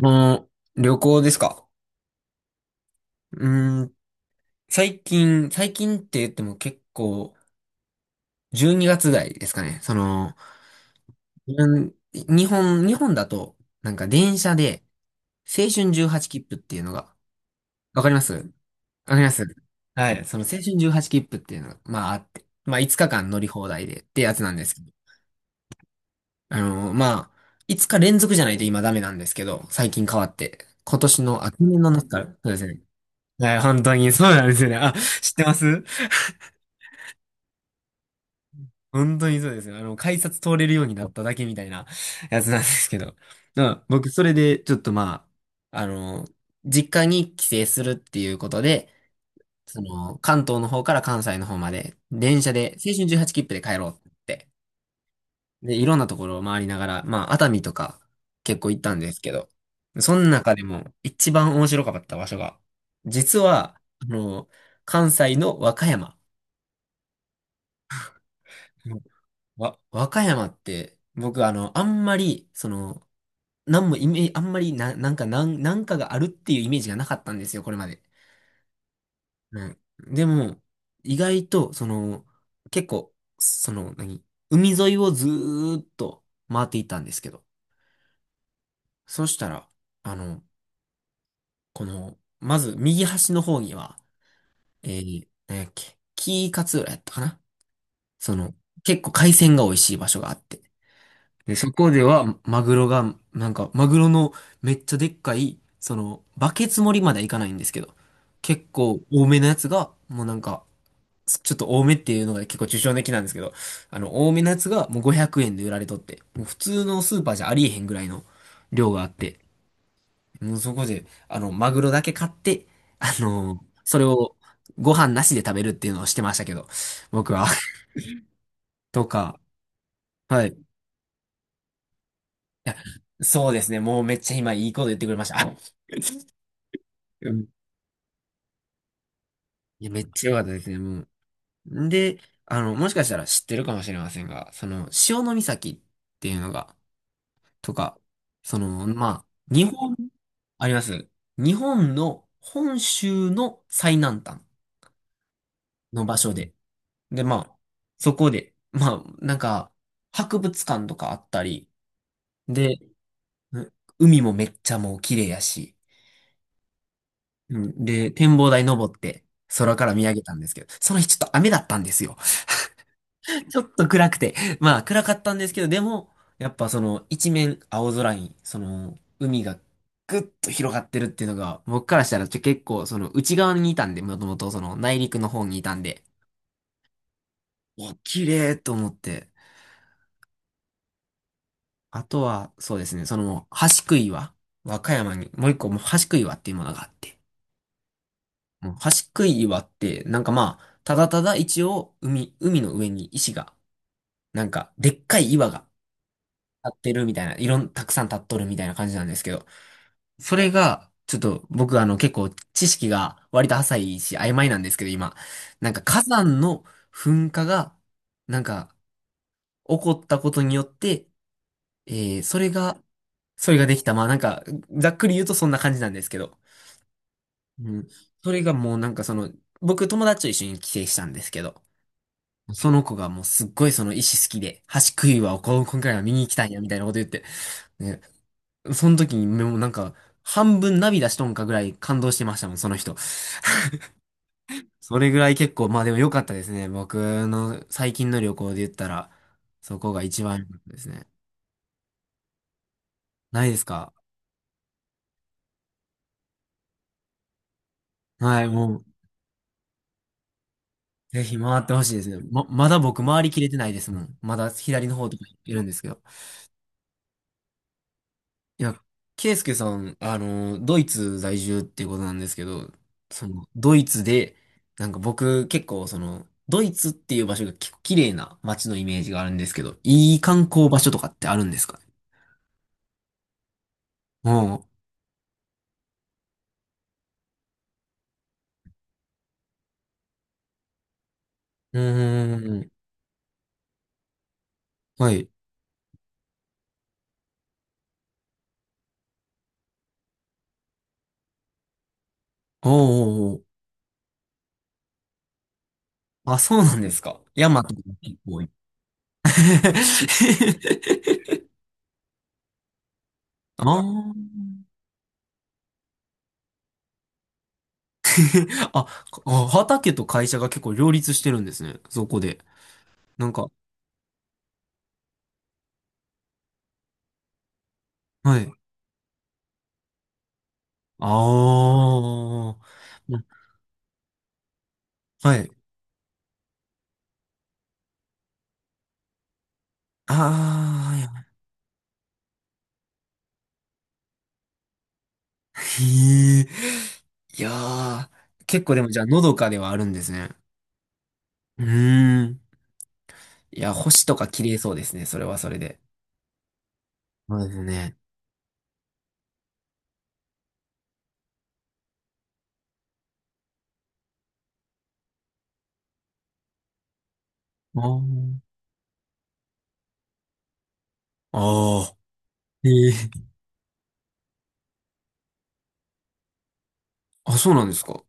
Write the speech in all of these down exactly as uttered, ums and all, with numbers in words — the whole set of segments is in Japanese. もう、旅行ですか？うーん、最近、最近って言っても結構、じゅうにがつ台ですかね。その、うん、日本、日本だと、なんか電車で、青春じゅうはち切符っていうのが、わかります、わかります。はい、その青春じゅうはち切符っていうのが、まああって、まあいつかかん乗り放題でってやつなんですけど、あの、まあ、いつか連続じゃないと今ダメなんですけど、最近変わって、今年の、あ、去年の夏から、そうですね。はい、本当にそうなんですよね。あ、知ってます？本当にそうですよ。あの、改札通れるようになっただけみたいなやつなんですけど。うん、僕、それで、ちょっとまあ、あの、実家に帰省するっていうことで、その、関東の方から関西の方まで、電車で、青春じゅうはち切符で帰ろうって言って。で、いろんなところを回りながら、まあ、熱海とか結構行ったんですけど、その中でも一番面白かった場所が、実は、あの、関西の和歌山。わ、和歌山って、僕、あの、あんまり、その、なんもイメージ、あんまりな、なんか、なん、なんかがあるっていうイメージがなかったんですよ、これまで。うん。でも、意外と、その、結構、その、何、海沿いをずーっと回っていったんですけど、そしたら、あの、この、まず、右端の方には、えー、何やっけ、紀伊勝浦やったかな。その、結構海鮮が美味しい場所があって、で、そこでは、マグロが、なんか、マグロのめっちゃでっかい、その、バケツ盛りまではいかないんですけど、結構多めのやつが、もうなんか、ちょっと多めっていうのが結構抽象的なんですけど、あの、多めのやつがもうごひゃくえんで売られとって、もう普通のスーパーじゃありえへんぐらいの量があって、もうそこで、あの、マグロだけ買って、あの、それをご飯なしで食べるっていうのをしてましたけど、僕は。とか、はい。や、そうですね。もうめっちゃ今いいこと言ってくれました。うん。いや、めっちゃ良かったですね、もう。んで、あの、もしかしたら知ってるかもしれませんが、その、潮岬っていうのが、とか、その、まあ、日本、あります。日本の本州の最南端の場所で。で、まあ、そこで、まあ、なんか、博物館とかあったり、で、う海もめっちゃもう綺麗やし、うん、で、展望台登って、空から見上げたんですけど、その日ちょっと雨だったんですよ。ちょっと暗くて。まあ、暗かったんですけど、でも、やっぱその、一面青空に、その、海がぐっと広がってるっていうのが、僕からしたらちょ結構、その、内側にいたんで、もともとその、内陸の方にいたんで、お、綺麗と思って。あとは、そうですね、その、橋杭は、和歌山に、もう一個、もう橋杭はっていうものがあって、うん、端っこい岩って、なんかまあ、ただただ一応、海、海の上に石が、なんか、でっかい岩が立ってるみたいな、いろん、たくさん立っとるみたいな感じなんですけど、それが、ちょっと僕、あの結構知識が割と浅いし曖昧なんですけど今、なんか火山の噴火が、なんか起こったことによって、えー、それが、それができた。まあなんか、ざっくり言うとそんな感じなんですけど、うん。それがもうなんかその、僕友達と一緒に帰省したんですけど、その子がもうすっごいその石好きで、橋食いはこ今回は見に行きたいやみたいなこと言って、ね、その時にもうなんか、半分涙しとんかぐらい感動してましたもん、その人。それぐらい結構、まあでも良かったですね。僕の最近の旅行で言ったら、そこが一番良かったですね。ないですか？はい、もう、ぜひ回ってほしいですね。ま、まだ僕回りきれてないですもん。まだ左の方とかいるんですけど。いや、ケイスケさん、あの、ドイツ在住っていうことなんですけど、その、ドイツで、なんか僕結構その、ドイツっていう場所が結構綺麗な街のイメージがあるんですけど、いい観光場所とかってあるんですかね？おう。うーん。はい。おう、おう、おう。あ、そうなんですか。山とか結構多い？あーあ、あ畑と会社が結構両立してるんですね。そこで。なんか、はい。ああ、まはい。ああ、やっ、へえ。いやー、結構でもじゃあ、のどかではあるんですね。うーん。いや、星とか綺麗そうですね。それはそれで。そうですね。あー、あー、ええ。あ、そうなんですか。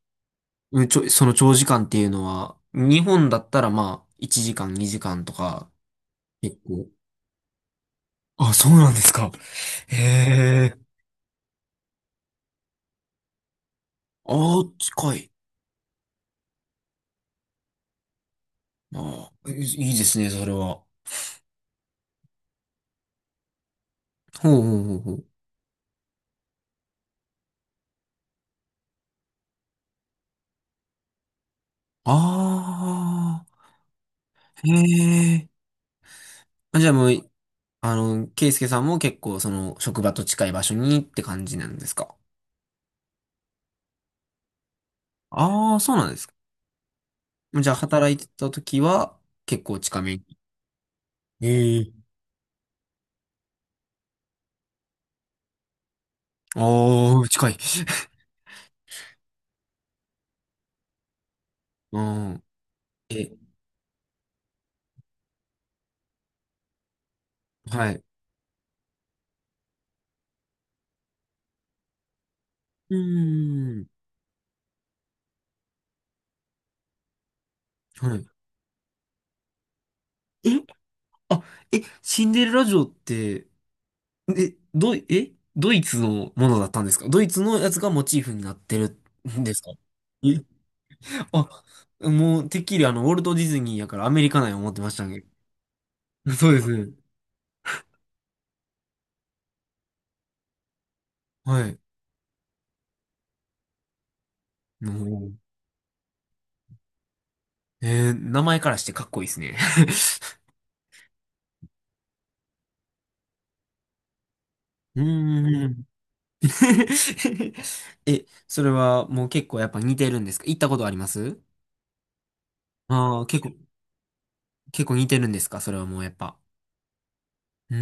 うんちょ、その長時間っていうのは、日本だったらまあ、いちじかん、にじかんとか、結構。あ、そうなんですか。へえ。ああ、近い。ああ、いいいですね、それは。ほうほうほうほう。ああ、へえ。あ、じゃあもう、あの、ケイスケさんも結構その職場と近い場所にって感じなんですか？ああー、そうなんですか。じゃあ働いてた時は結構近めに。ええ。ああ、近い。うん。え、はい。うーん。はい。え、あ、え、シンデレラ城って、え、ど、え、ドイツのものだったんですか？ドイツのやつがモチーフになってるんですか？えあ、もう、てっきりあの、ウォルト・ディズニーやからアメリカなんや思ってましたね。そうですね。はい。もう、えー、名前からしてかっこいいですね。うーん。え、それはもう結構やっぱ似てるんですか？行ったことあります？ああー、結構、結構似てるんですか、それはもうやっぱ。うー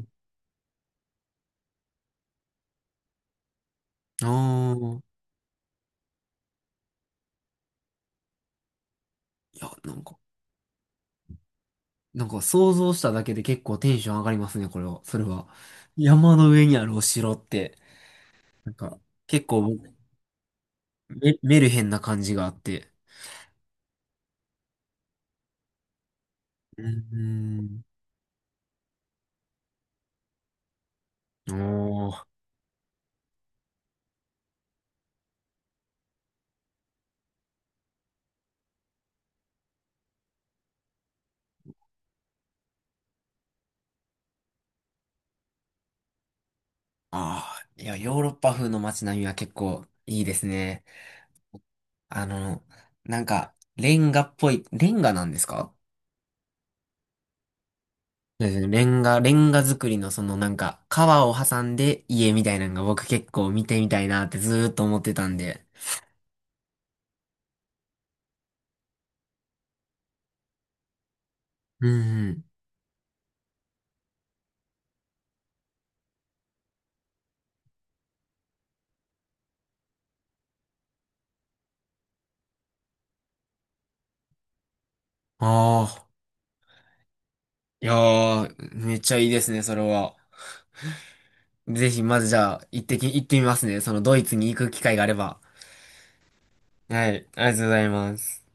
ん。ああ。いや、なんか、なんか想像しただけで結構テンション上がりますね、これは。それは。山の上にあるお城って。なんか、結構、メ、メルヘンな感じがあって。うん。おー。ああ、いや、ヨーロッパ風の街並みは結構いいですね。あの、なんか、レンガっぽい、レンガなんですか？そうですね、レンガ、レンガ作りのそのなんか、川を挟んで家みたいなのが僕結構見てみたいなってずーっと思ってたんで。うん、うん。ああ、いやー、めっちゃいいですね、それは。ぜひ、まずじゃあ、行ってき、行ってみますね。そのドイツに行く機会があれば。はい、ありがとうございます。